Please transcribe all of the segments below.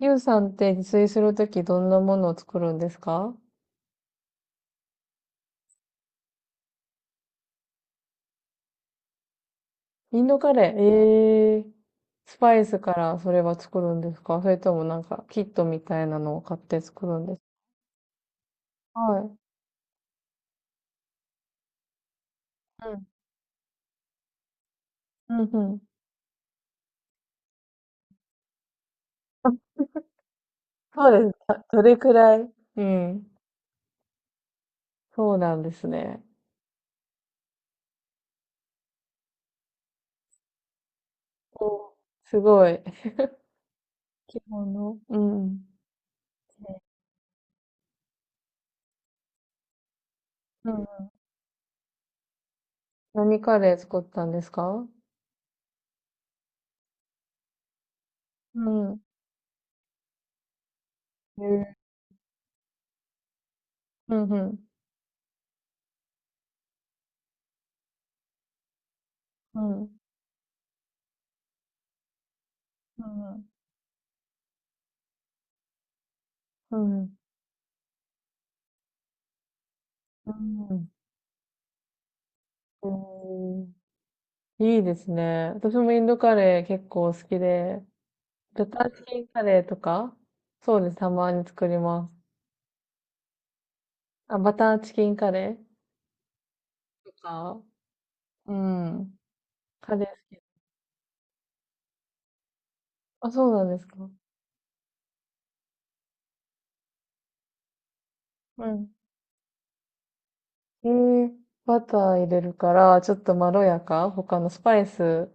ゆうさんって自炊するときどんなものを作るんですか？インドカレー。ええー。スパイスからそれは作るんですか、それともなんかキットみたいなのを買って作るんですか？はい。うん。うんうん。あ、そうですか。どれくらい？うん。そうなんですね。お、すごい。基本の。うん。うん。何カレー作ったんですか？うん。えー、うんうん。うん。うんうん。うん。うん。うん。いいですね。私もインドカレー結構好きで、バターチキンカレーとか、そうです。たまに作ります。あ、バターチキンカレーとか、うん。カレー好き。あ、そうなんですか。うん。えー、バター入れるから、ちょっとまろやか、他のスパイス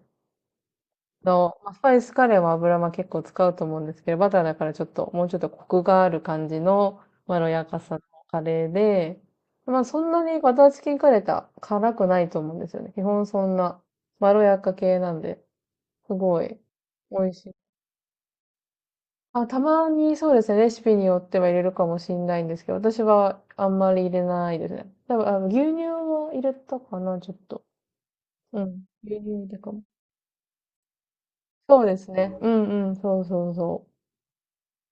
の、まあスパイスカレーは油は結構使うと思うんですけど、バターだからちょっと、もうちょっとコクがある感じのまろやかさのカレーで、まあそんなにバターチキンカレーって辛くないと思うんですよね。基本そんなまろやか系なんで、すごい美味しい。あ、たまにそうですね、レシピによっては入れるかもしれないんですけど、私はあんまり入れないですね。多分、あの牛乳を入れたかな、ちょっと。うん。牛乳入れたかも。そうですね。うんうん、そうそうそう。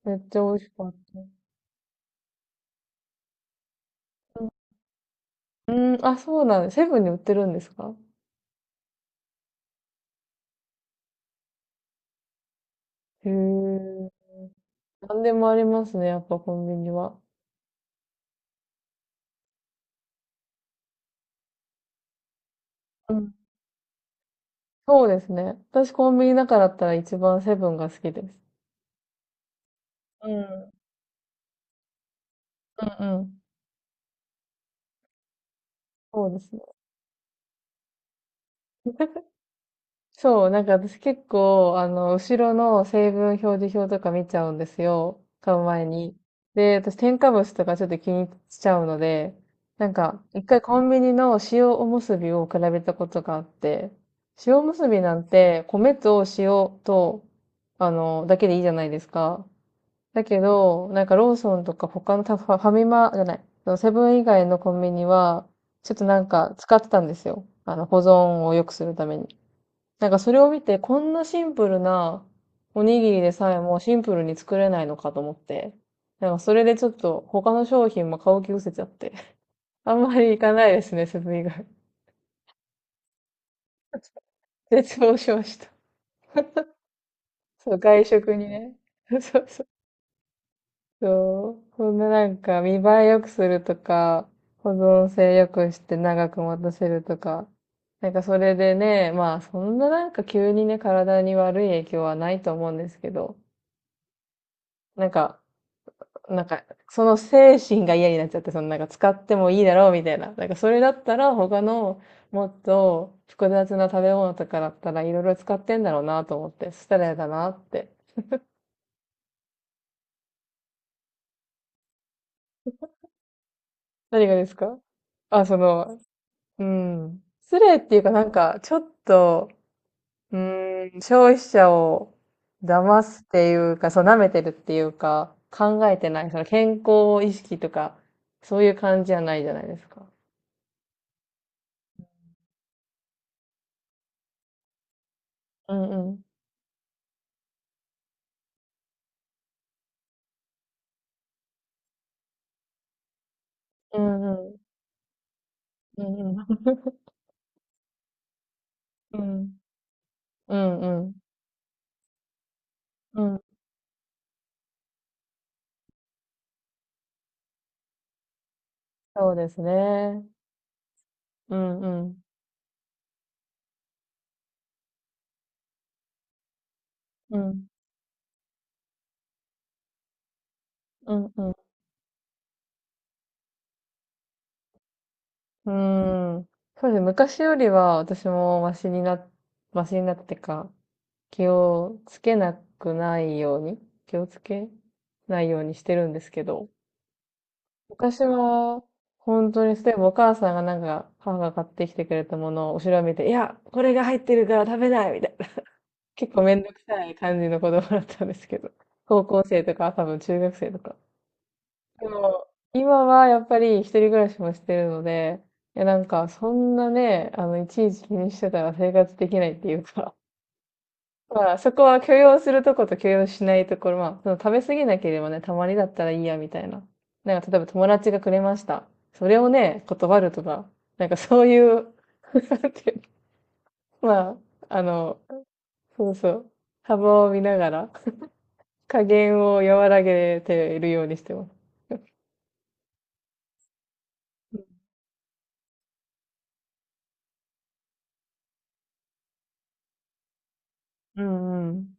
めっちゃ美味しかった。うん、あ、そうなんだ。セブンに売ってるんですか？へえ。何でもありますね、やっぱコンビニは。うん。そうですね。私コンビニ中だったら一番セブンが好きです。うん。うんうん。そうですね。そう、なんか私結構、あの、後ろの成分表示表とか見ちゃうんですよ。買う前に。で、私添加物とかちょっと気にしちゃうので、なんか、一回コンビニの塩おむすびを比べたことがあって、塩おむすびなんて、米と塩と、あの、だけでいいじゃないですか。だけど、なんかローソンとか他のたファファミマじゃない、そのセブン以外のコンビニは、ちょっとなんか使ってたんですよ。あの、保存を良くするために。なんかそれを見て、こんなシンプルなおにぎりでさえもシンプルに作れないのかと思って、なんかそれでちょっと他の商品も買う気失せちゃって、あんまり行かないですね、セブン以外。絶望しました。そう、外食にね。そうそう。そう、そんななんか見栄え良くするとか、保存性良くして長く持たせるとか、なんかそれでね、まあそんななんか急にね、体に悪い影響はないと思うんですけど、なんか、なんか、その精神が嫌になっちゃって、そのなんか使ってもいいだろうみたいな。なんかそれだったら他のもっと複雑な食べ物とかだったらいろいろ使ってんだろうなと思って、失礼だなって。何がですか？あ、その、うん。失礼っていうかなんか、ちょっと、うん、消費者を騙すっていうか、そう、舐めてるっていうか、考えてない、その健康意識とか、そういう感じじゃないじゃないですか。うんうん。うんうん。うんうん。うん。うん、うん。うん。そうですね。うん、うん。うん、うん、うん。うーん。そうですね。昔よりは私もマシになってか、気をつけなくないように、気をつけないようにしてるんですけど、昔は本当に、例えばお母さんがなんか、母が買ってきてくれたものを後ろを見て、いや、これが入ってるから食べないみたいな。結構めんどくさい感じの子供だったんですけど、高校生とか多分中学生とかでも、今はやっぱり一人暮らしもしてるので、いやなんかそんなね、あの、いちいち気にしてたら生活できないっていうか、まあそこは許容するとこと許容しないところ、まあその食べ過ぎなければね、たまにだったらいいやみたいな。なんか例えば友達がくれました。それをね、断るとか、なんかそういう、なんていうの？まあ、あの、そうそう、幅を見ながら、加減を和らげているようにしてます。うんうん。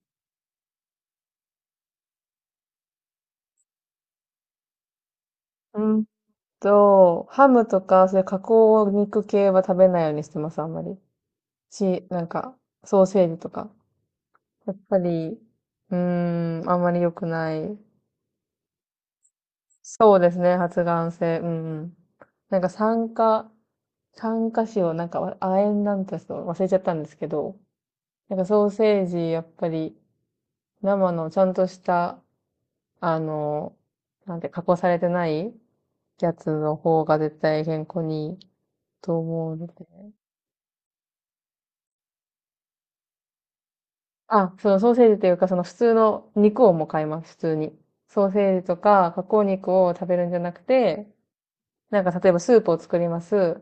うんと、ハムとか、そういう加工肉系は食べないようにしてます、あんまり。し、なんか、ソーセージとか。やっぱり、うーん、あんまり良くない。そうですね、発がん性。うんうん。なんか酸化、酸化死をなんか、亜鉛なんてちょっと忘れちゃったんですけど、なんかソーセージ、やっぱり、生のちゃんとした、あの、なんて、加工されてないやつの方が絶対健康にいいと思うので。あ、そのソーセージというか、その普通の肉をもう買います、普通に。ソーセージとか加工肉を食べるんじゃなくて、なんか例えばスープを作ります。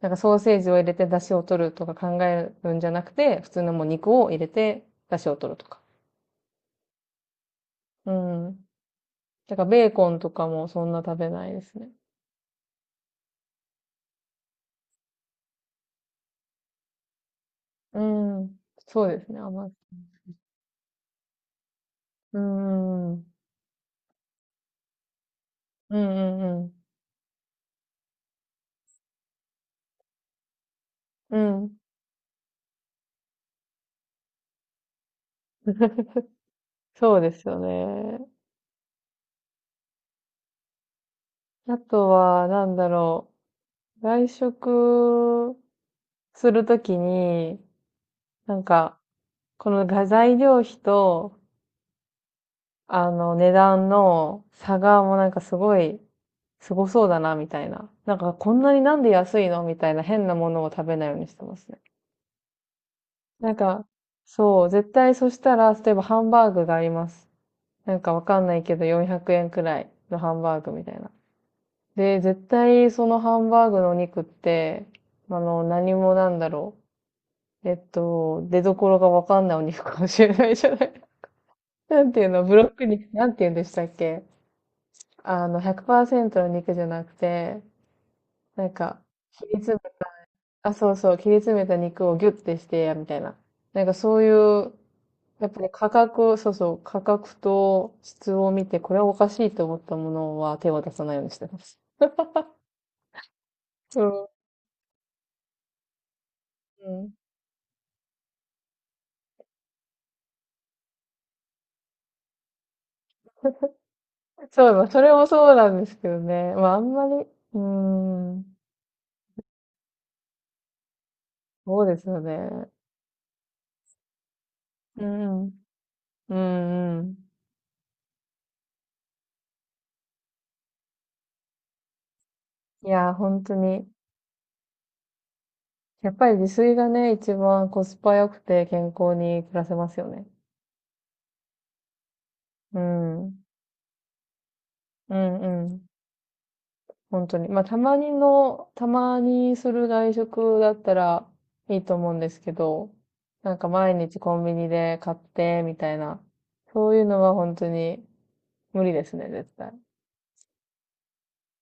なんかソーセージを入れて出汁を取るとか考えるんじゃなくて、普通のもう肉を入れて出汁を取るとか。うん。だからベーコンとかもそんな食べないですね。うん。そうですね、甘い。うん。うんうんうん。うん。そうですよね。あとは、なんだろう。外食するときに、なんか、この画材料費と、あの、値段の差がもうなんかすごい、すごそうだな、みたいな。なんか、こんなになんで安いのみたいな変なものを食べないようにしてますね。なんか、そう、絶対そしたら、例えばハンバーグがあります。なんかわかんないけど、400円くえんくらいのハンバーグみたいな。で、絶対そのハンバーグのお肉って、あの、何もなんだろう。えっと、出所がわかんないお肉かもしれないじゃない。なんていうの、ブロック肉、なんていうんでしたっけ？あの、100%の肉じゃなくて、なんか、切り詰め、あ、そうそう、切り詰めた肉をギュッてして、みたいな。なんかそういう、やっぱり価格、そうそう、価格と質を見て、これはおかしいと思ったものは手を出さないようにしてます。そうん。うん、そうだ、まあそれもそうなんですけどね。まあ、あんまり、うーん、そうですよね。うん。うんうん。いや、本当に。やっぱり自炊がね、一番コスパ良くて健康に暮らせますよね。うん。うんうん。本当に。まあ、たまにの、たまにする外食だったらいいと思うんですけど、なんか毎日コンビニで買って、みたいな。そういうのは本当に無理ですね、絶対。